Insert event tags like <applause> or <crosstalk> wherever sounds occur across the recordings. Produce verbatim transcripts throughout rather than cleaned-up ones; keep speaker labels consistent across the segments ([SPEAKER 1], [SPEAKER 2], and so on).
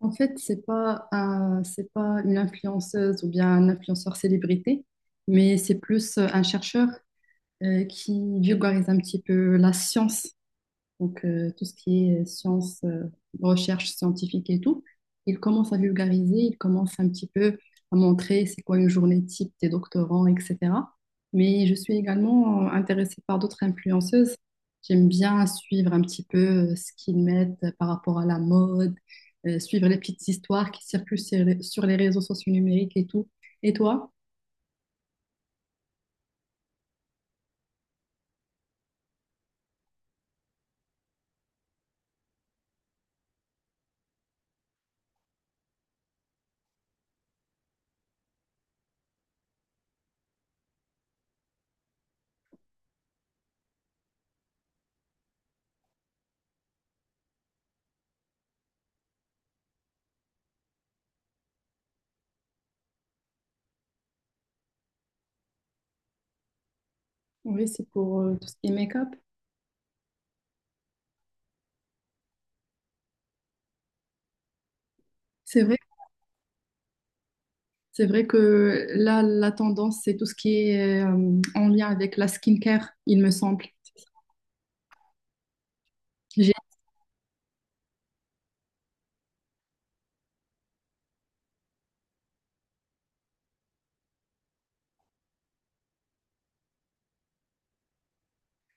[SPEAKER 1] En fait, c'est pas un- c'est pas une influenceuse ou bien un influenceur célébrité, mais c'est plus euh, un chercheur euh, qui vulgarise un petit peu la science donc euh, tout ce qui est sciences, euh, recherche scientifique et tout, il commence à vulgariser, il commence un petit peu à montrer c'est quoi une journée type des doctorants, et cetera. Mais je suis également euh, intéressée par d'autres influenceuses. J'aime bien suivre un petit peu euh, ce qu'ils mettent euh, par rapport à la mode, euh, suivre les petites histoires qui circulent sur les, sur les réseaux sociaux numériques et tout. Et toi? Oui, c'est pour euh, tout ce qui est make-up. C'est vrai. C'est vrai que là, la tendance, c'est tout ce qui est euh, en lien avec la skincare, il me semble. J'ai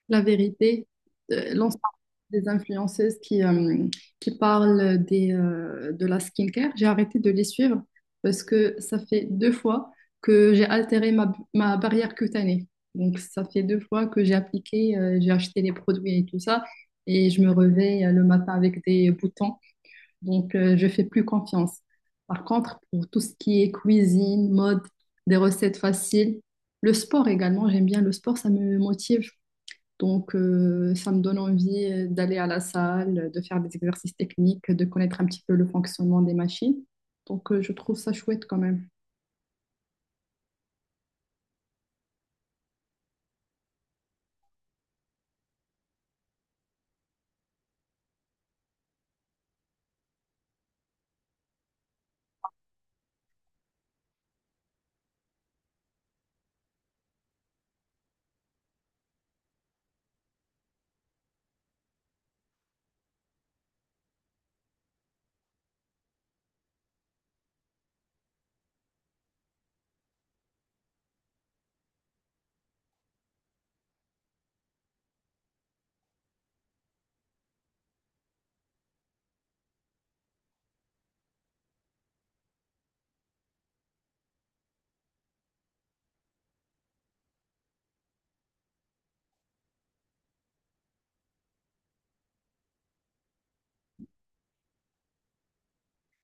[SPEAKER 1] la vérité, euh, l'ensemble des influenceuses qui, euh, qui parlent des, euh, de la skincare, j'ai arrêté de les suivre parce que ça fait deux fois que j'ai altéré ma, ma barrière cutanée. Donc, ça fait deux fois que j'ai appliqué, euh, j'ai acheté les produits et tout ça, et je me réveille euh, le matin avec des boutons. Donc, euh, je fais plus confiance. Par contre, pour tout ce qui est cuisine, mode, des recettes faciles, le sport également, j'aime bien le sport, ça me motive. Donc, euh, ça me donne envie euh, d'aller à la salle, de faire des exercices techniques, de connaître un petit peu le fonctionnement des machines. Donc, euh, je trouve ça chouette quand même.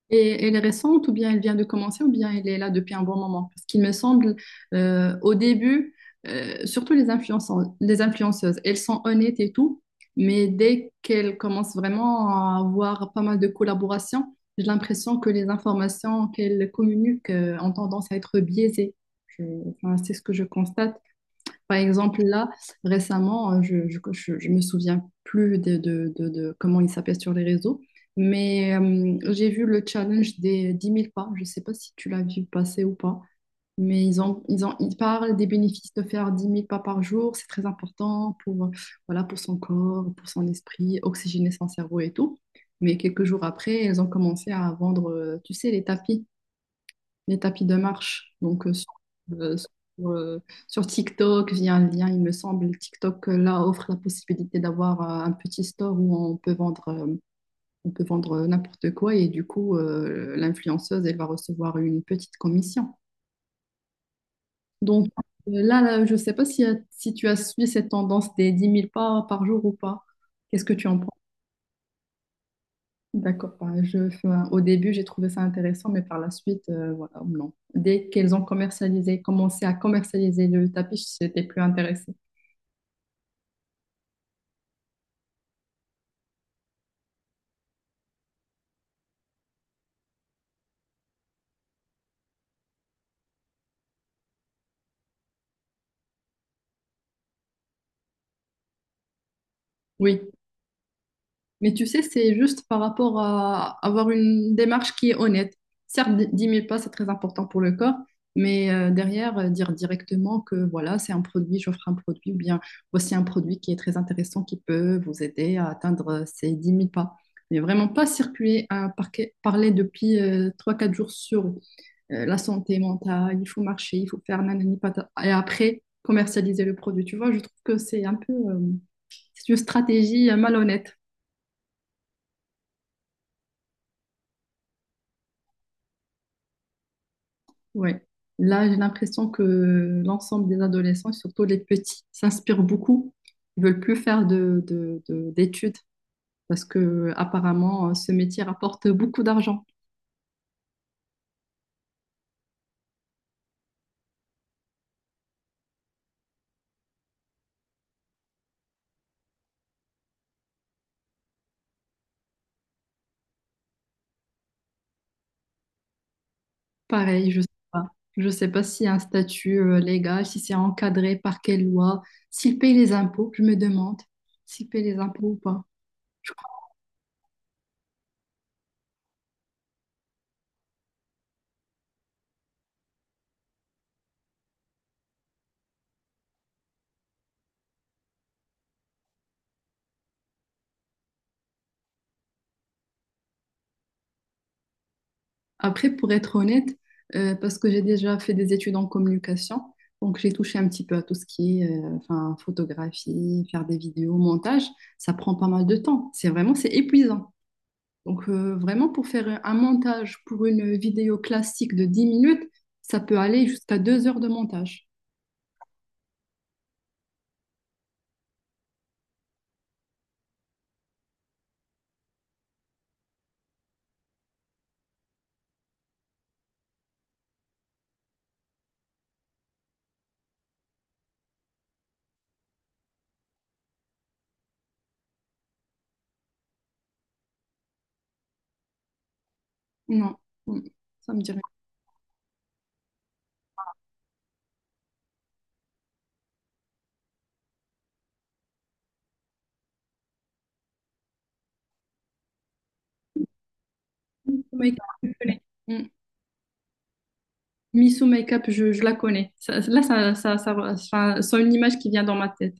[SPEAKER 1] Et elle est récente, ou bien elle vient de commencer, ou bien elle est là depuis un bon moment. Parce qu'il me semble, euh, au début, euh, surtout les influenceuses, les influenceuses, elles sont honnêtes et tout, mais dès qu'elles commencent vraiment à avoir pas mal de collaborations, j'ai l'impression que les informations qu'elles communiquent, euh, ont tendance à être biaisées. Je- enfin, c'est ce que je constate. Par exemple, là, récemment, hein, je, ne je, je, je me souviens plus de, de, de- de comment il s'appelle sur les réseaux, mais euh, j'ai vu le challenge des dix mille pas. Je ne sais pas si tu l'as vu passer ou pas, mais ils ont, ils ont, ils parlent des bénéfices de faire dix mille pas par jour. C'est très important pour, euh, voilà, pour son corps, pour son esprit, oxygéner son cerveau et tout. Mais quelques jours après, ils ont commencé à vendre, euh, tu sais, les tapis les tapis de marche. Donc, euh, sur, euh, sur, euh, sur TikTok, via un lien, il me semble, TikTok euh, là offre la possibilité d'avoir euh, un petit store où on peut vendre, euh, on peut vendre euh, n'importe quoi et du coup, euh, l'influenceuse, elle va recevoir une petite commission. Donc, euh, là, là, je ne sais pas si, si tu as suivi cette tendance des dix mille pas par jour ou pas. Qu'est-ce que tu en penses? D'accord. Enfin, je, enfin, au début, j'ai trouvé ça intéressant, mais par la suite, euh, voilà, non. Dès qu'elles ont commercialisé, commencé à commercialiser le tapis, j'étais plus intéressée. Oui. Mais tu sais, c'est juste par rapport à avoir une démarche qui est honnête. Certes, dix dix mille pas, c'est très important pour le corps, mais euh, derrière, euh, dire directement que voilà, c'est un produit, j'offre un produit, ou bien voici un produit qui est très intéressant, qui peut vous aider à atteindre euh, ces dix mille pas mais vraiment pas circuler à parquet- parler depuis euh, trois quatre jours sur euh, la santé mentale, il faut marcher, il faut faire nanani patata. Et après, commercialiser le produit. Tu vois, je trouve que c'est un peu, euh, c'est une stratégie euh, malhonnête. Ouais. Là, j'ai l'impression que l'ensemble des adolescents, et surtout les petits, s'inspirent beaucoup. Ils veulent plus faire de, de- de- d'études parce que apparemment, euh, ce métier rapporte beaucoup d'argent. Pareil, je sais pas. Je sais pas s'il y a un statut euh, légal, si c'est encadré par quelle loi, s'ils payent les impôts. Je me demande s'ils payent les impôts ou pas. Après, pour être honnête, euh, parce que j'ai déjà fait des études en communication, donc j'ai touché un petit peu à tout ce qui est euh, enfin, photographie, faire des vidéos, montage, ça prend pas mal de temps. C'est vraiment, c'est épuisant. Donc euh, vraiment, pour faire un montage pour une vidéo classique de dix minutes, ça peut aller jusqu'à deux heures de montage. Non, Mm. Ça me dirait. Miso Makeup, je connais. Mm. Miso Makeup, je, je la connais. Ça- là, ça, ça, ça, enfin, c'est une image qui vient dans ma tête.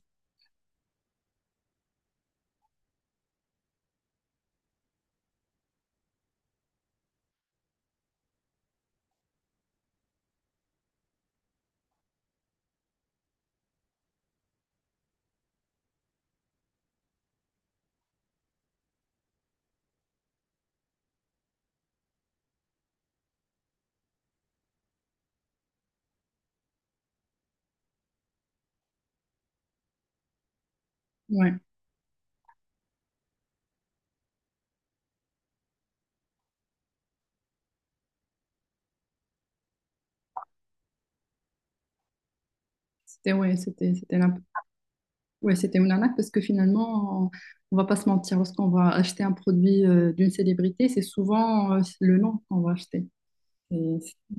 [SPEAKER 1] Ouais, c'était ouais, c'était, c'était n'importe Ouais, c'était une arnaque parce que finalement, on va pas se mentir, lorsqu'on va acheter un produit euh, d'une célébrité, c'est souvent euh, le nom qu'on va acheter. Et c'est-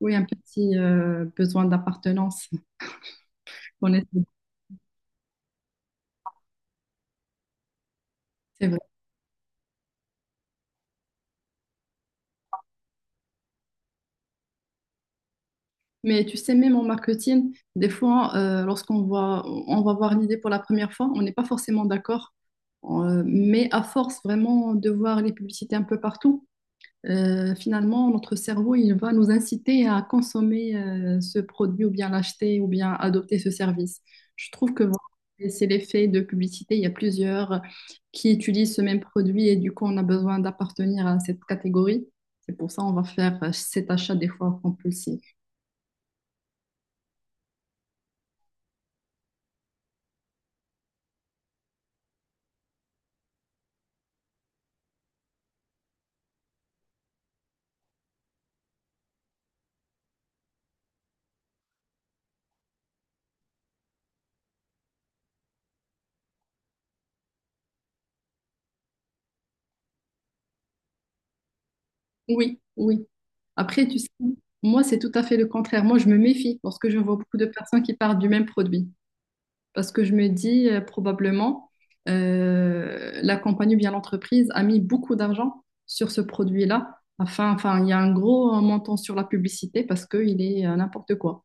[SPEAKER 1] oui, un petit euh, besoin d'appartenance. <laughs> qu'on est- C'est vrai. Mais tu sais, même en marketing, des fois, euh, lorsqu'on va, on va voir l'idée pour la première fois, on n'est pas forcément d'accord. Euh, mais à force vraiment de voir les publicités un peu partout, Euh, finalement, notre cerveau, il va nous inciter à consommer euh, ce produit ou bien l'acheter ou bien adopter ce service. Je trouve que voilà, et c'est l'effet de publicité. Il y a plusieurs qui utilisent ce même produit et du coup, on a besoin d'appartenir à cette catégorie. C'est pour ça on va faire euh, cet achat des fois compulsif. Oui, oui. Après, tu sais, moi, c'est tout à fait le contraire. Moi, je me méfie lorsque je vois beaucoup de personnes qui parlent du même produit. parce que je me dis euh, probablement euh, la compagnie ou bien l'entreprise a mis beaucoup d'argent sur ce produit-là. Afin, enfin, il y a un gros euh, montant sur la publicité parce qu'il est euh, n'importe quoi.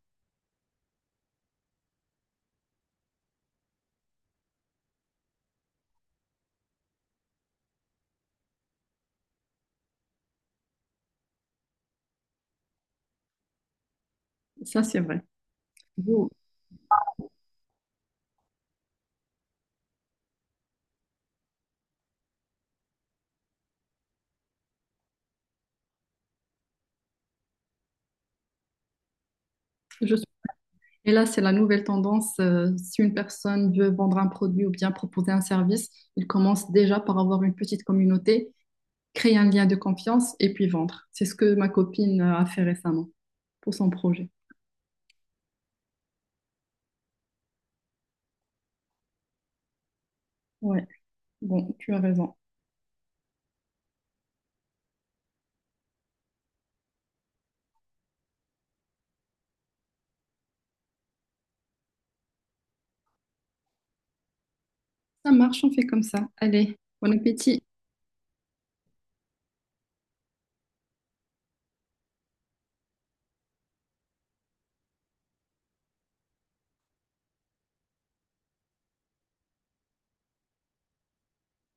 [SPEAKER 1] Ça, c'est vrai. Vous- je suis- Et là, c'est la nouvelle tendance. euh, si une personne veut vendre un produit ou bien proposer un service, il commence déjà par avoir une petite communauté, créer un lien de confiance et puis vendre. C'est ce que ma copine euh, a fait récemment pour son projet. Ouais, bon, tu as raison. Ça marche, on fait comme ça. Allez, bon appétit.